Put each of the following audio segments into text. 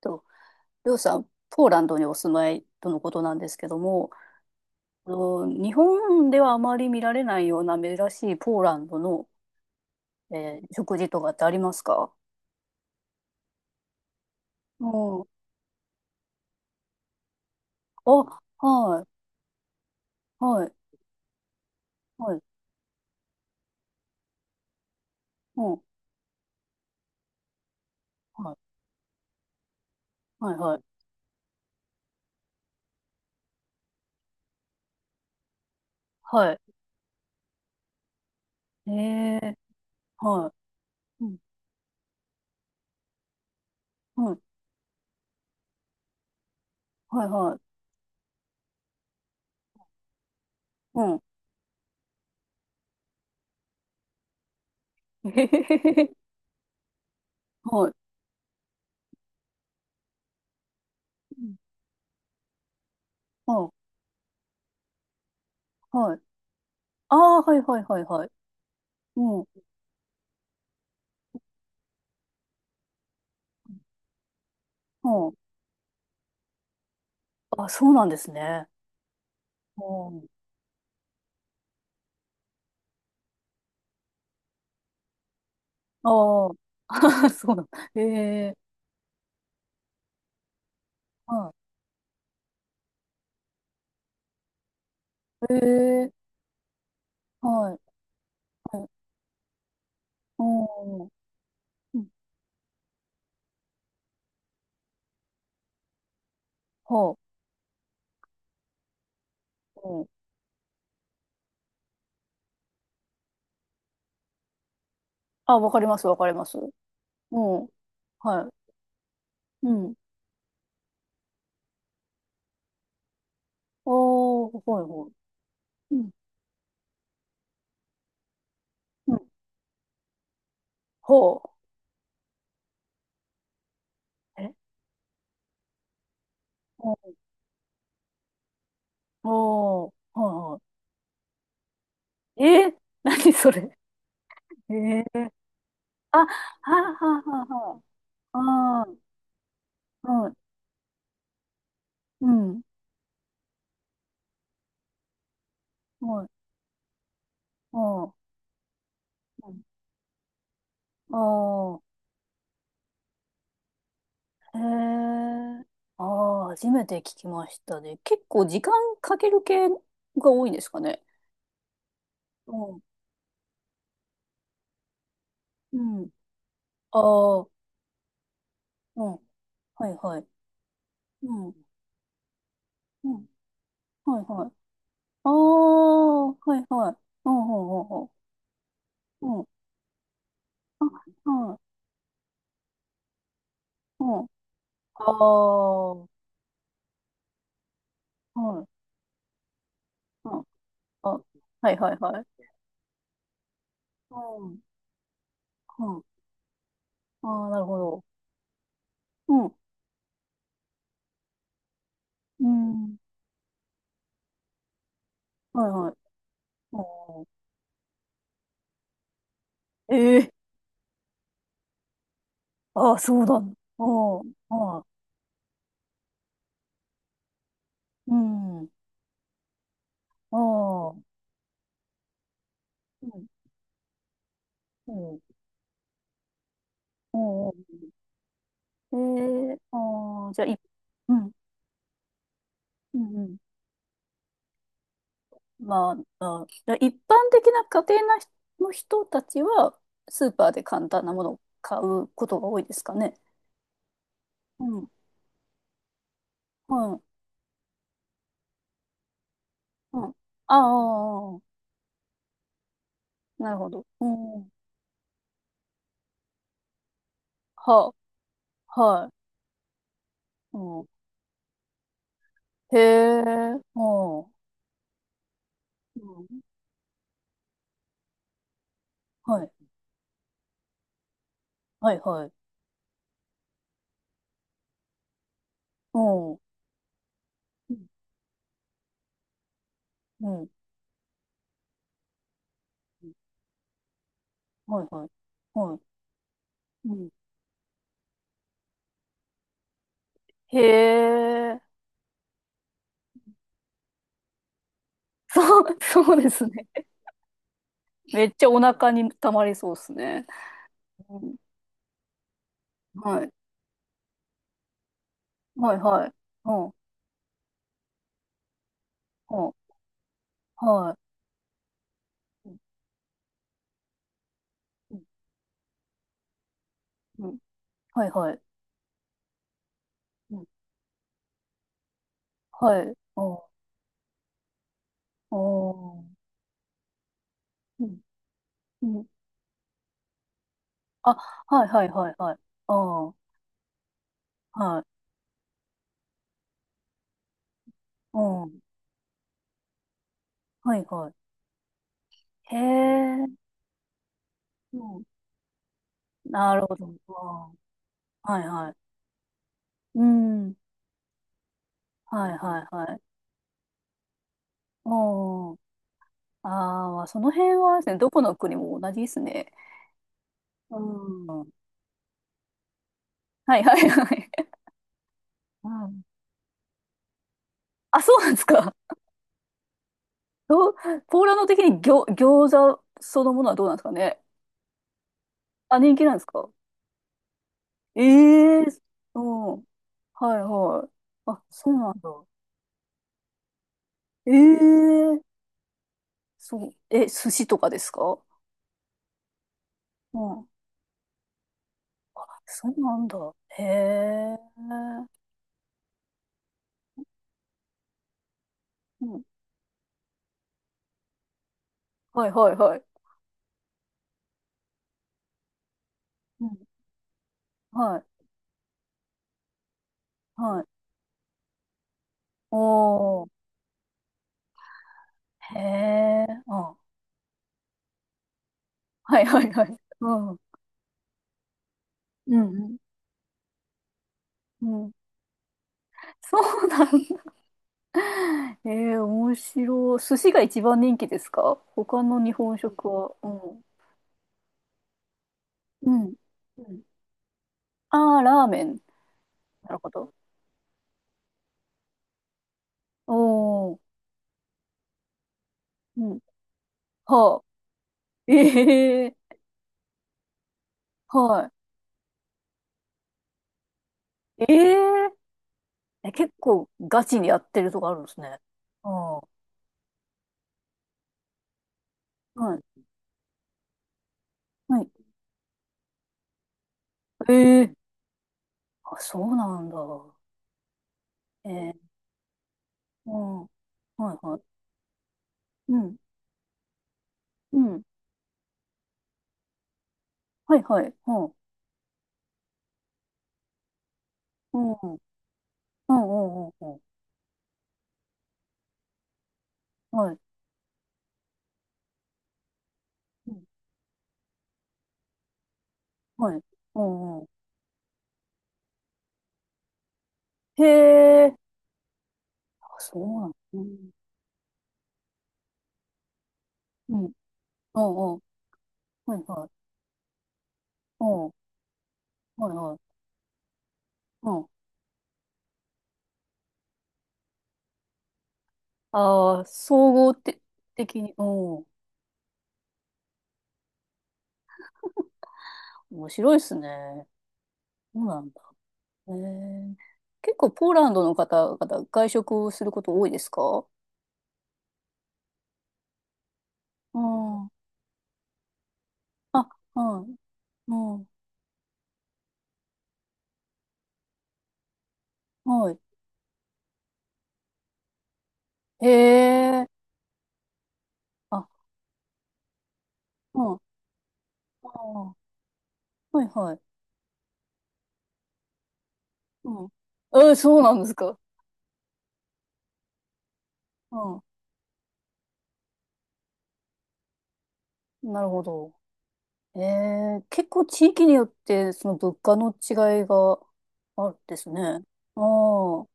と、りょうさん、ポーランドにお住まいとのことなんですけども、日本ではあまり見られないような珍しいポーランドの、食事とかってありますか？うん。あ、はい、はい、はい、うん、はい、はい、はい、はい。えー、はい、うん、うん、はい、はい、うん。えへへへへ、はい、うんはい、はい。ああ、はい、はい、はい、はい。うん、うん。あ、そうなんですね。うん。ああ、そうなんだ。えはい。ええはい。はい。うん。うん。はあ。うん。あ、わかります、わかります。うん。はい。うん。おー、はい、はい。うん。うん。ほう。えおおー、はい、はい。えー、何それ。ええあ、はあ、はあ、はあ、はあ。はい。うん。はい。ああ。うんあー。へえ。ああ、初めて聞きましたね。結構時間かける系が多いんですかね？うん。うん。ああ、うん。はいはい。うん。うん。はいはい。ああ、はいはい。うん、うん、うん、うん。うん。あ、はい。うん。ああ、はい。うん。あ、はいはいはい。うん。うん。ああ、なるほど。うん。うん。はいはい。うん。ええああ、そうだ。うん。はい。うん。ああ。うん。うん。うん。ええああ、じゃあ、い、うん。うん。うん。まあ、一般的な家庭な人の人たちは、スーパーで簡単なものを買うことが多いですかね？うん。はい。うん。ああ、なるほど。うん。は、はい。うん。へえ、うんうん。はい。はい、はい。うん。うん。うんはい、はい。はい。うん。へえ、そう、そうですね。めっちゃお腹に溜まりそうですね。うん。はい。はい、はい。うんはあはい。うんうんうんはいはい。うんはい。おーおー。うん。うん。あ、はいはいはいはい。ああ、はい。うん。はいはい。へえ。うん。なるほど。あーはいはい。うん。はいはいはい。おー。ああ、その辺はですね、どこの国も同じですね。うん。はいはいはい。うん。あ、そうなんですか？どう、ポーランド的に餃子そのものはどうなんですかね？あ、人気なんですか？ええうん。はいはい。あ、そうなんだ。ええそう。え、寿司とかですか？うん。そうなんだ。へえ。うん。はいはいはい。うん。はい。はい。おー。へえ。あ。はいはいはい。うん。うん。うん。うんそうなんだ。ええ面白い。寿司が一番人気ですか？他の日本食は？うん。うん。うん。ああ、ラーメン。なるほど。おー、うん。はあ。ええはい。えええ、結構ガチにやってるとこあるんですね。ああ、はい。はい。ええあ、そうなんだ。ええうん。はいはい。うん。うん。はいはい。うん。うん。うんうんうんうん。はい。うん。はい。うんうん。へえ。あ、そうなんだ。うん。うん。うんうん。はいはい。うん。はいはい。うん。ああ、総合的に。うん。面白いですね。そうなんだ。へえ。結構ポーランドの方々、外食をすること多いですか？うん。あ、はい。うん。はい。へえ。あ、うん。あーはいはい。うん。えー、そうなんですか？うん。なるほど。えー、結構地域によって、その物価の違いがあるんですね。ああ。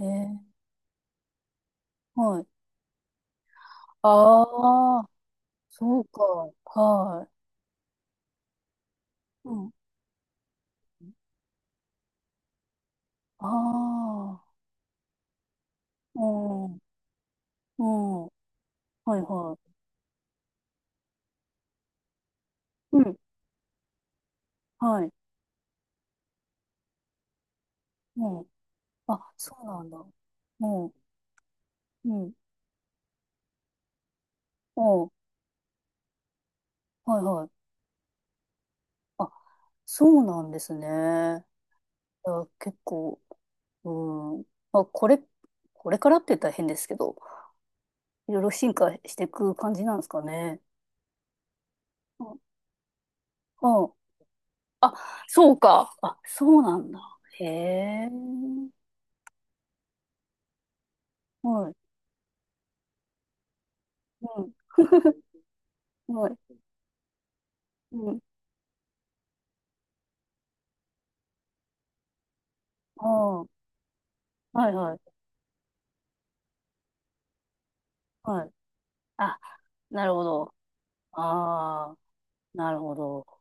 えー、はい。ああ、そうか。はい。うん。ああ、うん、うん、はいはい。うん、はい、うん。あ、そうなんだ。うん、うん、うん、はいはい。あ、そうなんですね。いや、結構、うん。まあ、これ、これからって言ったら変ですけど、いろいろ進化していく感じなんですかね？うん、うん。あ、そうか。あ、そうなんだ。へえ。はい、うん。はい、うん。ああ、はいはい、はい。あなるほど。ああ、なるほど。